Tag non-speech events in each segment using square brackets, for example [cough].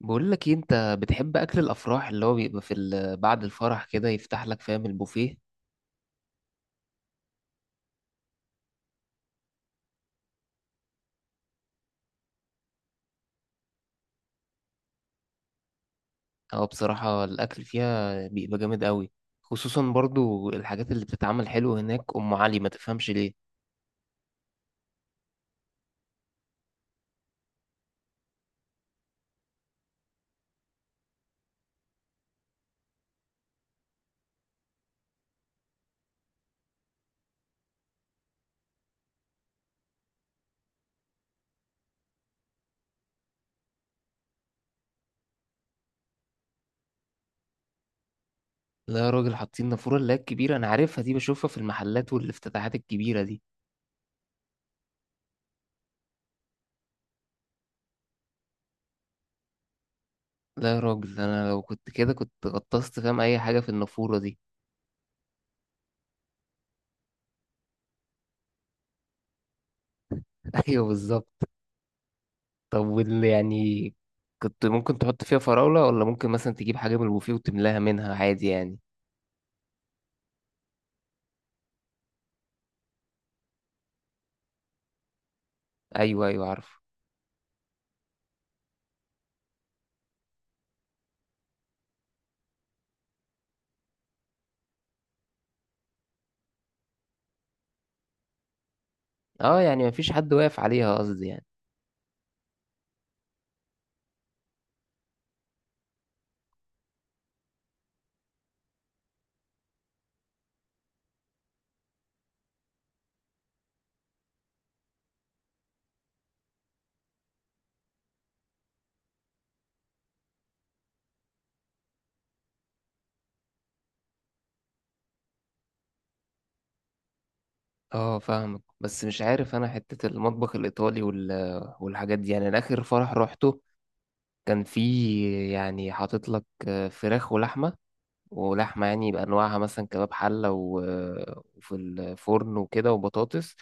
بقول لك إيه، انت بتحب اكل الافراح اللي هو بيبقى بعد الفرح كده يفتح لك فاهم البوفيه؟ اه، بصراحة الاكل فيها بيبقى جامد قوي، خصوصا برضو الحاجات اللي بتتعمل حلو هناك، ام علي ما تفهمش ليه. لا يا راجل، حاطين نافورة اللي هي الكبيرة، انا عارفها دي، بشوفها في المحلات والافتتاحات الكبيرة دي. لا يا راجل، انا لو كنت كده كنت غطست فاهم اي حاجة في النافورة دي. [laughs] ايوه، بالظبط. طب وال يعني كنت ممكن تحط فيها فراولة، ولا ممكن مثلا تجيب حاجة من البوفيه وتملاها منها عادي يعني. ايوه ايوه، عارف. اه، يعني مفيش حد واقف عليها قصدي يعني. اه، فاهمك، بس مش عارف انا حتة المطبخ الايطالي والحاجات دي، يعني انا اخر فرح روحته كان فيه يعني حاطط لك فراخ ولحمة، ولحمة يعني بأنواعها، مثلا كباب حلة وفي الفرن وكده وبطاطس،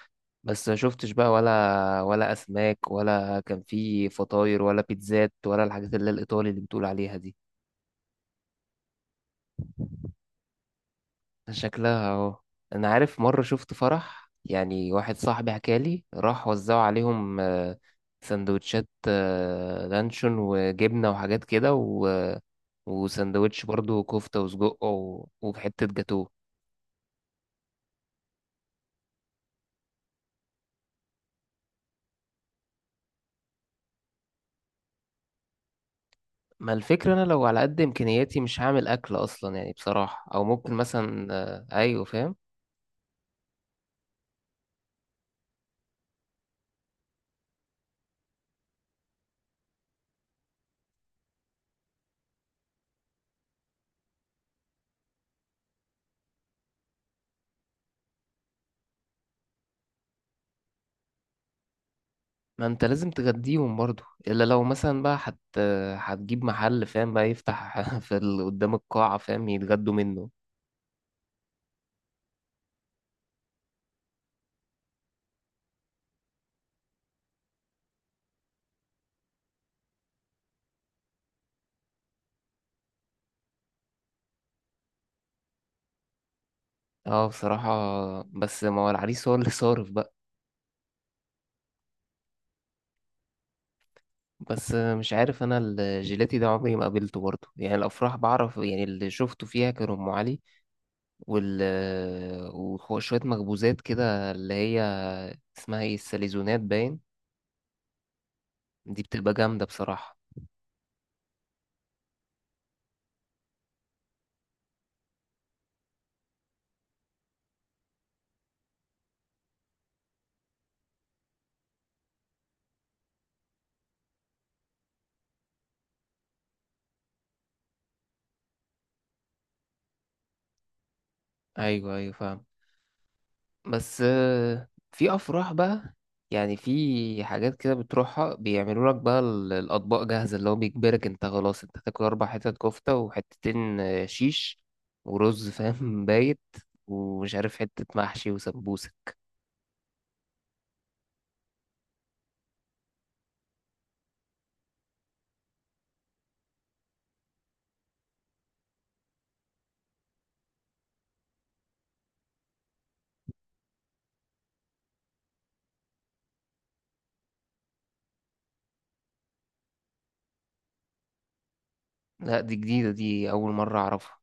بس ما شفتش بقى ولا أسماك، ولا كان فيه فطاير ولا بيتزات ولا الحاجات اللي هي الإيطالي اللي بتقول عليها دي. شكلها اهو. انا عارف مره شفت فرح، يعني واحد صاحبي حكالي راح وزعوا عليهم سندوتشات لانشون وجبنه وحاجات كده وسندوتش برضو كفته وسجق وحته جاتوه. ما الفكره، انا لو على قد امكانياتي مش هعمل اكل اصلا يعني بصراحه، او ممكن مثلا ايوه، فاهم. ما انت لازم تغديهم برضو، الا لو مثلا بقى هتجيب محل فاهم بقى يفتح [laughs] قدام القاعه فاهم يتغدوا منه. اه بصراحة، بس ما هو العريس هو اللي صارف بقى. بس مش عارف انا الجيلاتي ده عمري ما قابلته برضه، يعني الافراح بعرف، يعني اللي شفته فيها كان ام علي وال وشوية مخبوزات كده، اللي هي اسمها ايه، الساليزونات باين. دي بتبقى جامدة بصراحة. ايوه ايوه، فاهم، بس في افراح بقى يعني، في حاجات كده بتروحها بيعملوا لك بقى الاطباق جاهزه، اللي هو بيجبرك انت خلاص انت تاكل 4 حتت كفته وحتتين شيش ورز فاهم، [laughs] بايت، ومش عارف حته محشي وسمبوسه. لا دي جديده، دي اول مره اعرفها.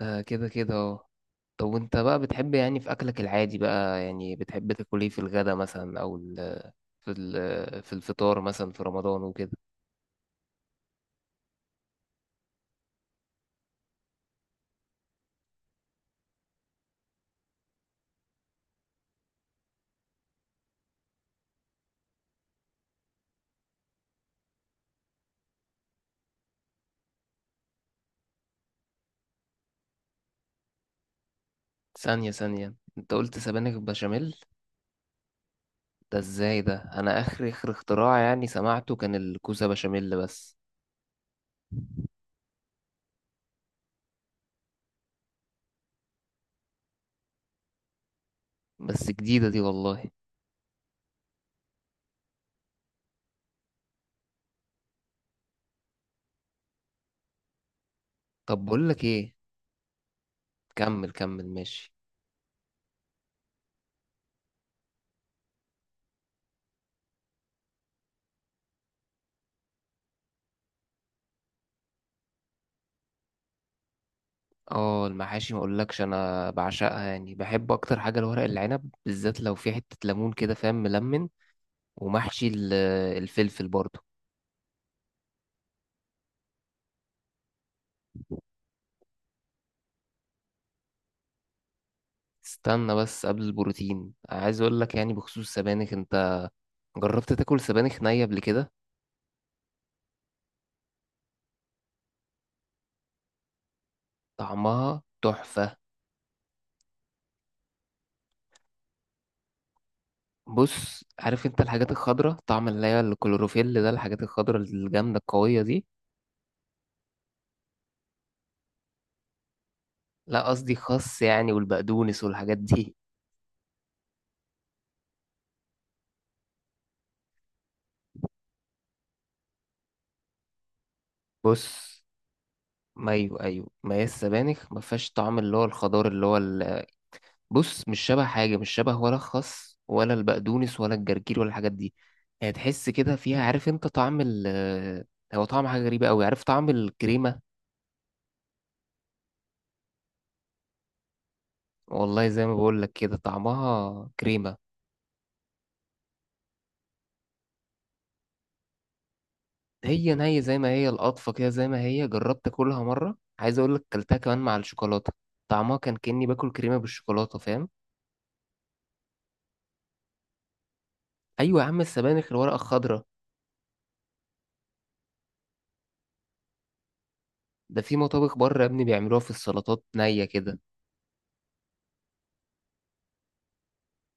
ده كده كده، اه. طب وانت بقى بتحب يعني في اكلك العادي بقى، يعني بتحب تاكل ايه في الغدا مثلا، في الفطار مثلا في رمضان وكده؟ ثانيه ثانيه، انت قلت سبانخ بشاميل؟ ده ازاي، ده انا اخر اخر اختراع يعني سمعته كان الكوسة بشاميل بس. بس جديدة دي والله. طب بقول لك ايه، كمل كمل ماشي. اه المحاشي، ما اقولكش انا بعشقها، يعني بحب اكتر حاجة الورق العنب، بالذات لو في حتة ليمون كده فاهم، ملمن، ومحشي الفلفل برضه. استنى بس قبل البروتين، عايز اقول لك يعني بخصوص السبانخ، انت جربت تاكل سبانخ نية قبل كده؟ طعمها تحفة. بص، عارف انت الحاجات الخضراء، طعم اللي هي الكلوروفيل ده، الحاجات الخضراء الجامدة القوية دي. لا، قصدي خس يعني، والبقدونس والحاجات دي. [laughs] بص، ما ايوه ايوه، ما هي السبانخ ما فيهاش طعم اللي هو الخضار اللي هو بص، مش شبه حاجة، مش شبه ولا الخس ولا البقدونس ولا الجرجير ولا الحاجات دي. يعني تحس كده فيها، عارف انت طعم هو طعم حاجة غريبة قوي، عارف طعم الكريمة. والله زي ما بقول لك كده، طعمها كريمة. هي نية زي ما هي، القطفة كده زي ما هي، جربت أكلها مرة، عايز أقول لك كلتها كمان مع الشوكولاتة، طعمها كان كأني باكل كريمة بالشوكولاتة فاهم. أيوة يا عم، السبانخ الورقة الخضراء. ده في مطابخ بره يا ابني بيعملوها في السلطات نية كده.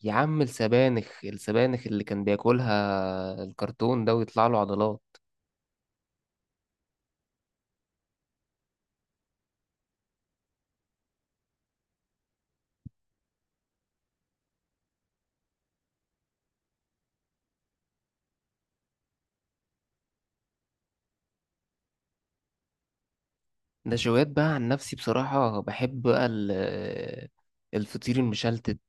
يا عم، السبانخ السبانخ اللي كان بياكلها الكرتون ده ويطلع له عضلات. نشويات بقى عن نفسي بصراحة بحب بقى الفطير المشلتت.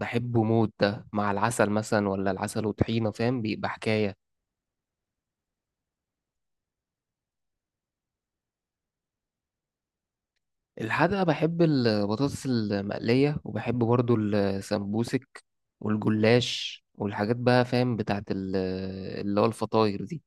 بحبه موت، ده مع العسل مثلا ولا العسل وطحينة فاهم، بيبقى حكاية. الحقيقة بحب البطاطس المقلية، وبحب برضو السمبوسك والجلاش والحاجات بقى فاهم بتاعت اللي هو الفطاير دي.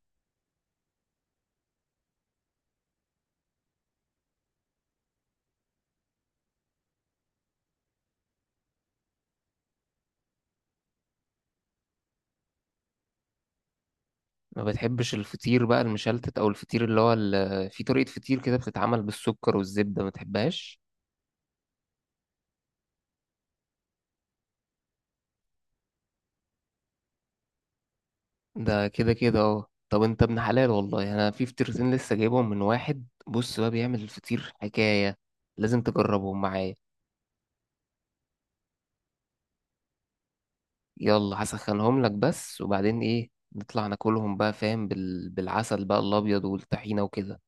ما بتحبش الفطير بقى المشلتت، أو الفطير اللي هو في طريقة فطير كده بتتعمل بالسكر والزبدة، ما تحبهاش؟ ده كده كده، اه. طب انت ابن حلال والله، يعني انا في فطيرتين لسه جايبهم من واحد، بص بقى بيعمل الفطير حكاية، لازم تجربهم معايا. يلا هسخنهم لك بس وبعدين ايه، نطلع ناكلهم بقى فاهم بالعسل بقى الابيض والطحينه وكده.